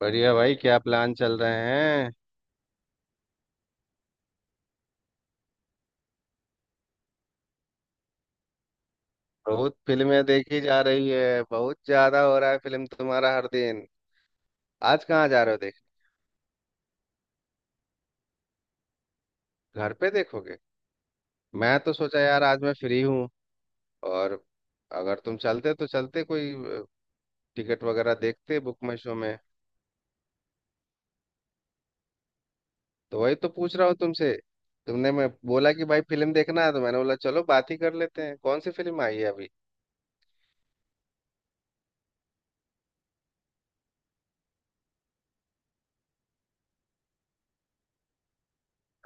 बढ़िया भाई क्या प्लान चल रहे हैं। बहुत फिल्में देखी जा रही है। बहुत ज्यादा हो रहा है फिल्म तुम्हारा हर दिन। आज कहाँ जा रहे हो देख। घर पे देखोगे? मैं तो सोचा यार आज मैं फ्री हूँ और अगर तुम चलते तो चलते कोई टिकट वगैरह देखते बुक माई शो में। तो वही तो पूछ रहा हूँ तुमसे। तुमने मैं बोला कि भाई फिल्म देखना है तो मैंने बोला चलो बात ही कर लेते हैं कौन सी फिल्म आई है अभी।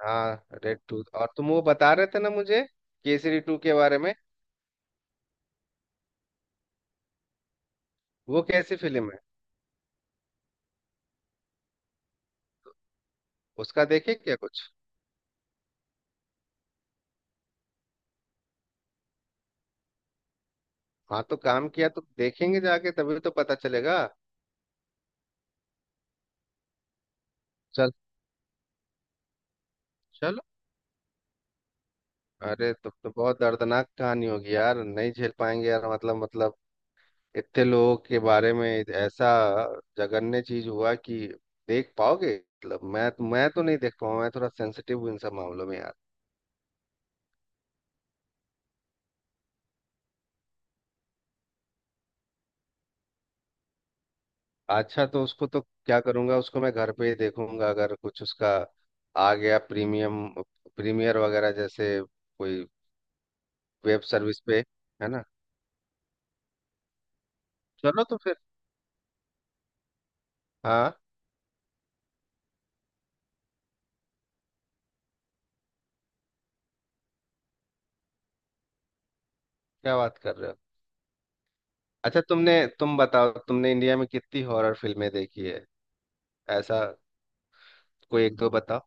हाँ, रेड टू। और तुम वो बता रहे थे ना मुझे केसरी टू के बारे में। वो कैसी फिल्म है? उसका देखे क्या कुछ। हाँ तो काम किया तो देखेंगे जाके तभी तो पता चलेगा। चल। चलो। अरे तब तो बहुत दर्दनाक कहानी होगी यार नहीं झेल पाएंगे यार मतलब इतने लोगों के बारे में ऐसा जघन्य चीज हुआ कि देख पाओगे। मतलब मैं तो नहीं देख पाऊंगा। मैं थोड़ा सेंसिटिव हूँ इन सब मामलों में यार। अच्छा तो उसको तो क्या करूंगा उसको मैं घर पे ही देखूंगा अगर कुछ उसका आ गया प्रीमियम प्रीमियर वगैरह जैसे कोई वेब सर्विस पे। है ना? चलो तो फिर। हाँ। क्या बात कर रहे हो? अच्छा तुमने। तुम बताओ तुमने इंडिया में कितनी हॉरर फिल्में देखी है? ऐसा कोई एक दो बताओ।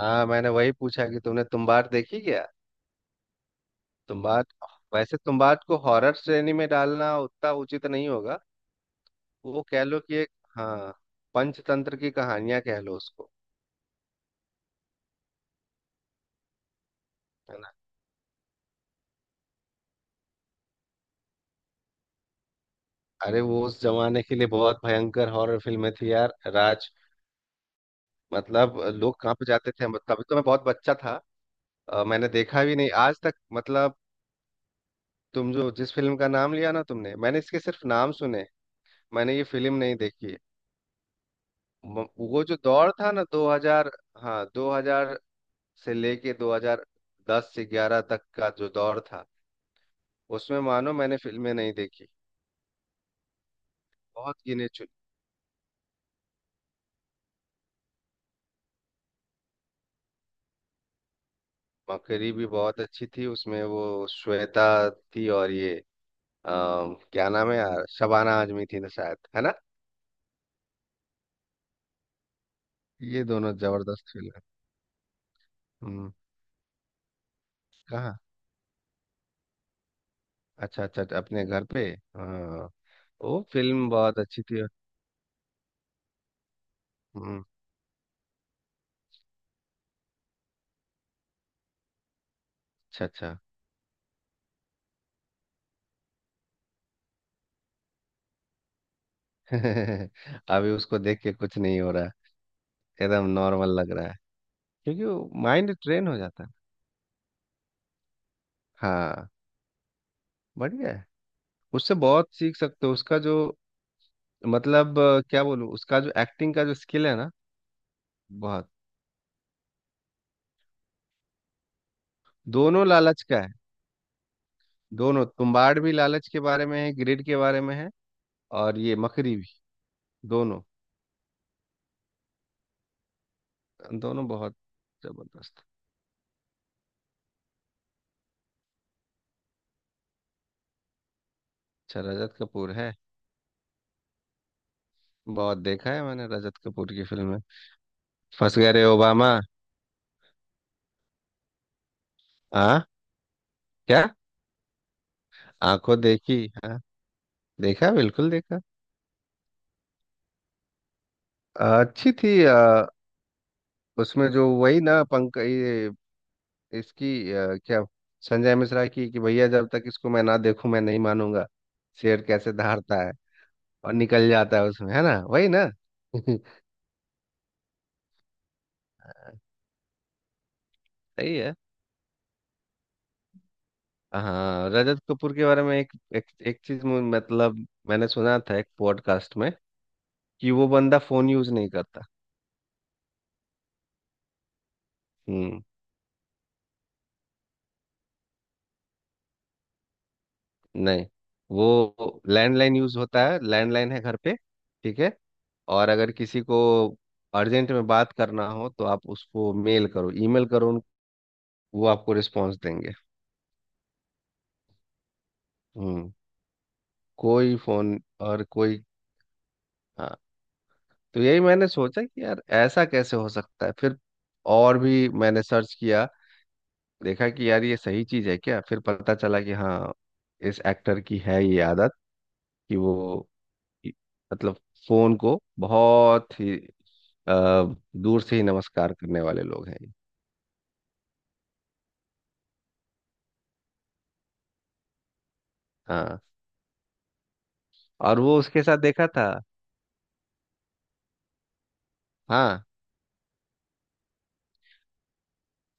हाँ, मैंने वही पूछा कि तुमने तुम्बाड़ देखी क्या। तुम्बाड़। वैसे तुम्बाड़ को हॉरर श्रेणी में डालना उतना उचित नहीं होगा। वो कह लो कि एक, हाँ, पंचतंत्र की कहानियां कह लो उसको। है ना? अरे वो उस जमाने के लिए बहुत भयंकर हॉरर फिल्में थी यार राज। मतलब लोग कांप जाते थे मतलब, तभी तो मैं बहुत बच्चा था। मैंने देखा भी नहीं आज तक मतलब। तुम जो जिस फिल्म का नाम लिया ना तुमने मैंने इसके सिर्फ नाम सुने। मैंने ये फिल्म नहीं देखी है। म- वो जो दौर था ना 2000। हाँ, 2000 से लेके 2010 से 11 तक का जो दौर था उसमें मानो मैंने फिल्में नहीं देखी, बहुत गिने चुने। मकरी भी बहुत अच्छी थी उसमें। वो श्वेता थी और ये आ, क्या नाम है यार, शबाना आजमी थी ना शायद। है ना? ये दोनों जबरदस्त फिल्म है। हम्म। कहाँ? अच्छा अच्छा अच्छा, अपने घर पे। हाँ वो फिल्म बहुत अच्छी थी। हम्म। अच्छा अच्छा। अभी उसको देख के कुछ नहीं हो रहा है। एकदम नॉर्मल लग रहा है क्योंकि वो माइंड ट्रेन हो जाता है। हाँ। बढ़िया है। उससे बहुत सीख सकते हो उसका जो, मतलब क्या बोलूँ, उसका जो एक्टिंग का जो स्किल है ना। बहुत। दोनों लालच का है। दोनों, तुम्बाड़ भी लालच के बारे में है, ग्रिड के बारे में है। और ये मकरी भी। दोनों। दोनों बहुत जबरदस्त। अच्छा रजत कपूर है। बहुत देखा है मैंने रजत कपूर की फिल्में। फंस गए रे ओबामा। हाँ, क्या? आंखों देखी। हाँ, देखा बिल्कुल देखा। अच्छी थी। उसमें जो वही ना पंक ये, इसकी क्या, संजय मिश्रा की, कि भैया जब तक इसको मैं ना देखूं मैं नहीं मानूंगा। शेर कैसे दहाड़ता है और निकल जाता है उसमें, है ना, वही ना। सही है। हाँ रजत कपूर के बारे में एक एक चीज, मतलब मैंने सुना था एक पॉडकास्ट में, कि वो बंदा फोन यूज नहीं करता। हम्म। नहीं, वो लैंडलाइन यूज होता है। लैंडलाइन है घर पे। ठीक है। और अगर किसी को अर्जेंट में बात करना हो तो आप उसको मेल करो, ईमेल करो, वो आपको रिस्पॉन्स देंगे। हम्म। कोई फोन और कोई। हाँ, तो यही मैंने सोचा कि यार ऐसा कैसे हो सकता है, फिर और भी मैंने सर्च किया, देखा कि यार ये सही चीज है क्या, फिर पता चला कि हाँ, इस एक्टर की है ये आदत, कि वो मतलब फोन को बहुत ही अ, दूर से ही नमस्कार करने वाले लोग हैं ये। हाँ। और वो उसके साथ देखा था। हाँ।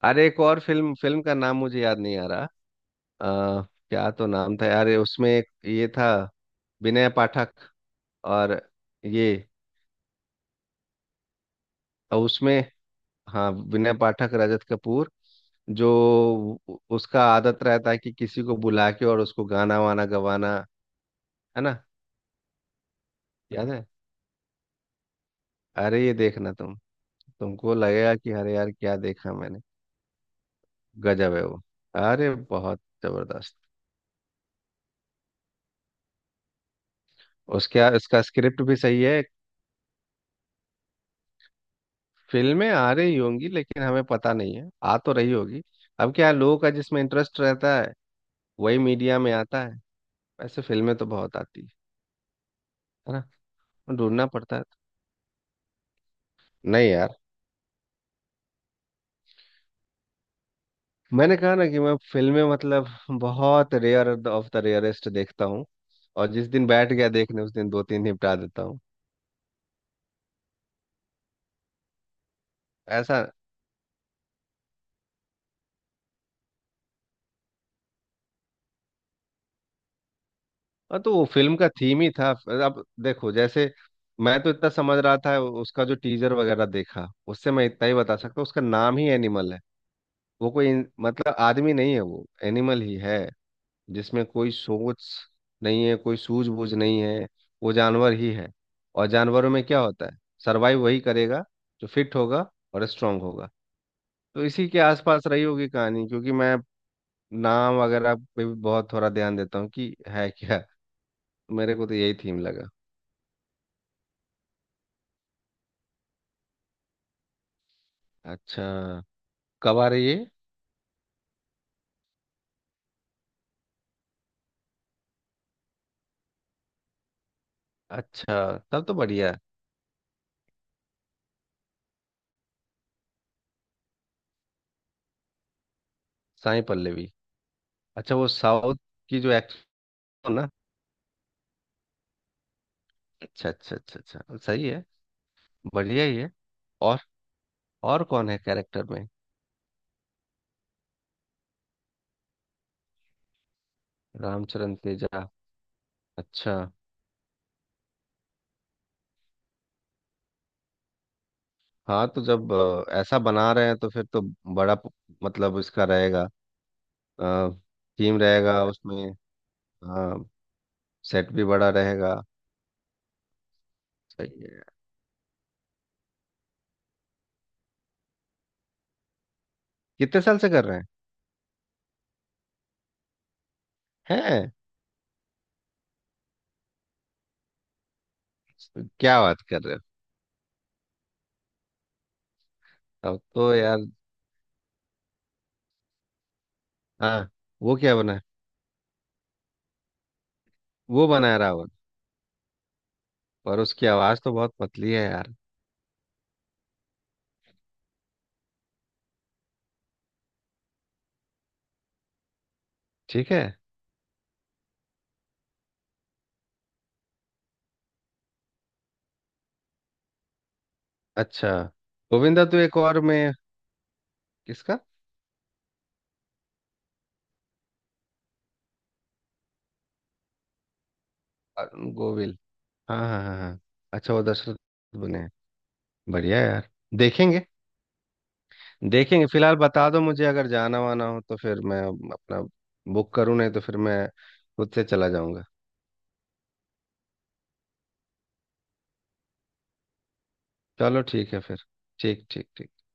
अरे एक और फिल्म फिल्म का नाम मुझे याद नहीं आ रहा। अ, क्या तो नाम था यार, ये उसमें एक ये था विनय पाठक और ये, और उसमें, हाँ, विनय पाठक रजत कपूर। जो उसका आदत रहता है कि किसी को बुला के और उसको गाना वाना गवाना, है ना। याद है? अरे ये देखना तुम। तुमको लगेगा कि अरे यार क्या देखा मैंने। गजब है वो। अरे बहुत जबरदस्त। उसका उसका स्क्रिप्ट भी सही है। फिल्में आ रही होंगी लेकिन हमें पता नहीं है, आ तो रही होगी। अब क्या है, लोगों का जिसमें इंटरेस्ट रहता है वही मीडिया में आता है। वैसे फिल्में तो बहुत आती है। है ना? ढूंढना पड़ता है। नहीं यार, मैंने कहा ना कि मैं फिल्में मतलब बहुत रेयर ऑफ द रेयरेस्ट देखता हूँ। और जिस दिन बैठ गया देखने उस दिन दो तीन निपटा देता हूँ। ऐसा। हाँ, तो वो फिल्म का थीम ही था। अब देखो जैसे, मैं तो इतना समझ रहा था उसका जो टीजर वगैरह देखा उससे, मैं इतना ही बता सकता हूँ, उसका नाम ही एनिमल है। वो कोई मतलब आदमी नहीं है, वो एनिमल ही है, जिसमें कोई सोच नहीं है, कोई सूझबूझ नहीं है। वो जानवर ही है। और जानवरों में क्या होता है, सरवाइव वही करेगा जो फिट होगा और स्ट्रांग होगा। तो इसी के आसपास रही होगी कहानी, क्योंकि मैं नाम वगैरह पे भी बहुत थोड़ा ध्यान देता हूँ कि है क्या। मेरे को तो यही थीम लगा। अच्छा। कब आ रही है? अच्छा तब तो बढ़िया है। साई पल्लवी। अच्छा वो साउथ की जो एक्टर ना। अच्छा अच्छा अच्छा अच्छा, सही है। बढ़िया ही है। और और कौन है कैरेक्टर में? रामचरण तेजा। अच्छा। हाँ तो जब ऐसा बना रहे हैं तो फिर तो बड़ा मतलब इसका रहेगा, थीम रहेगा उसमें। हाँ, सेट भी बड़ा रहेगा। सही है। कितने साल से कर रहे हैं। क्या बात कर रहे हो, अब तो यार। हाँ वो क्या बना? वो बनाए रावत। पर उसकी आवाज तो बहुत पतली है यार। ठीक है। अच्छा गोविंदा तो एक और में। किसका? अ, गोविल। हाँ हाँ हाँ हाँ। अच्छा वो दशरथ बने हैं। बढ़िया यार। देखेंगे। देखेंगे, फिलहाल बता दो मुझे, अगर जाना वाना हो तो फिर मैं अपना बुक करूँ, नहीं तो फिर मैं खुद से चला जाऊंगा। चलो ठीक है फिर। ठीक ठीक ठीक।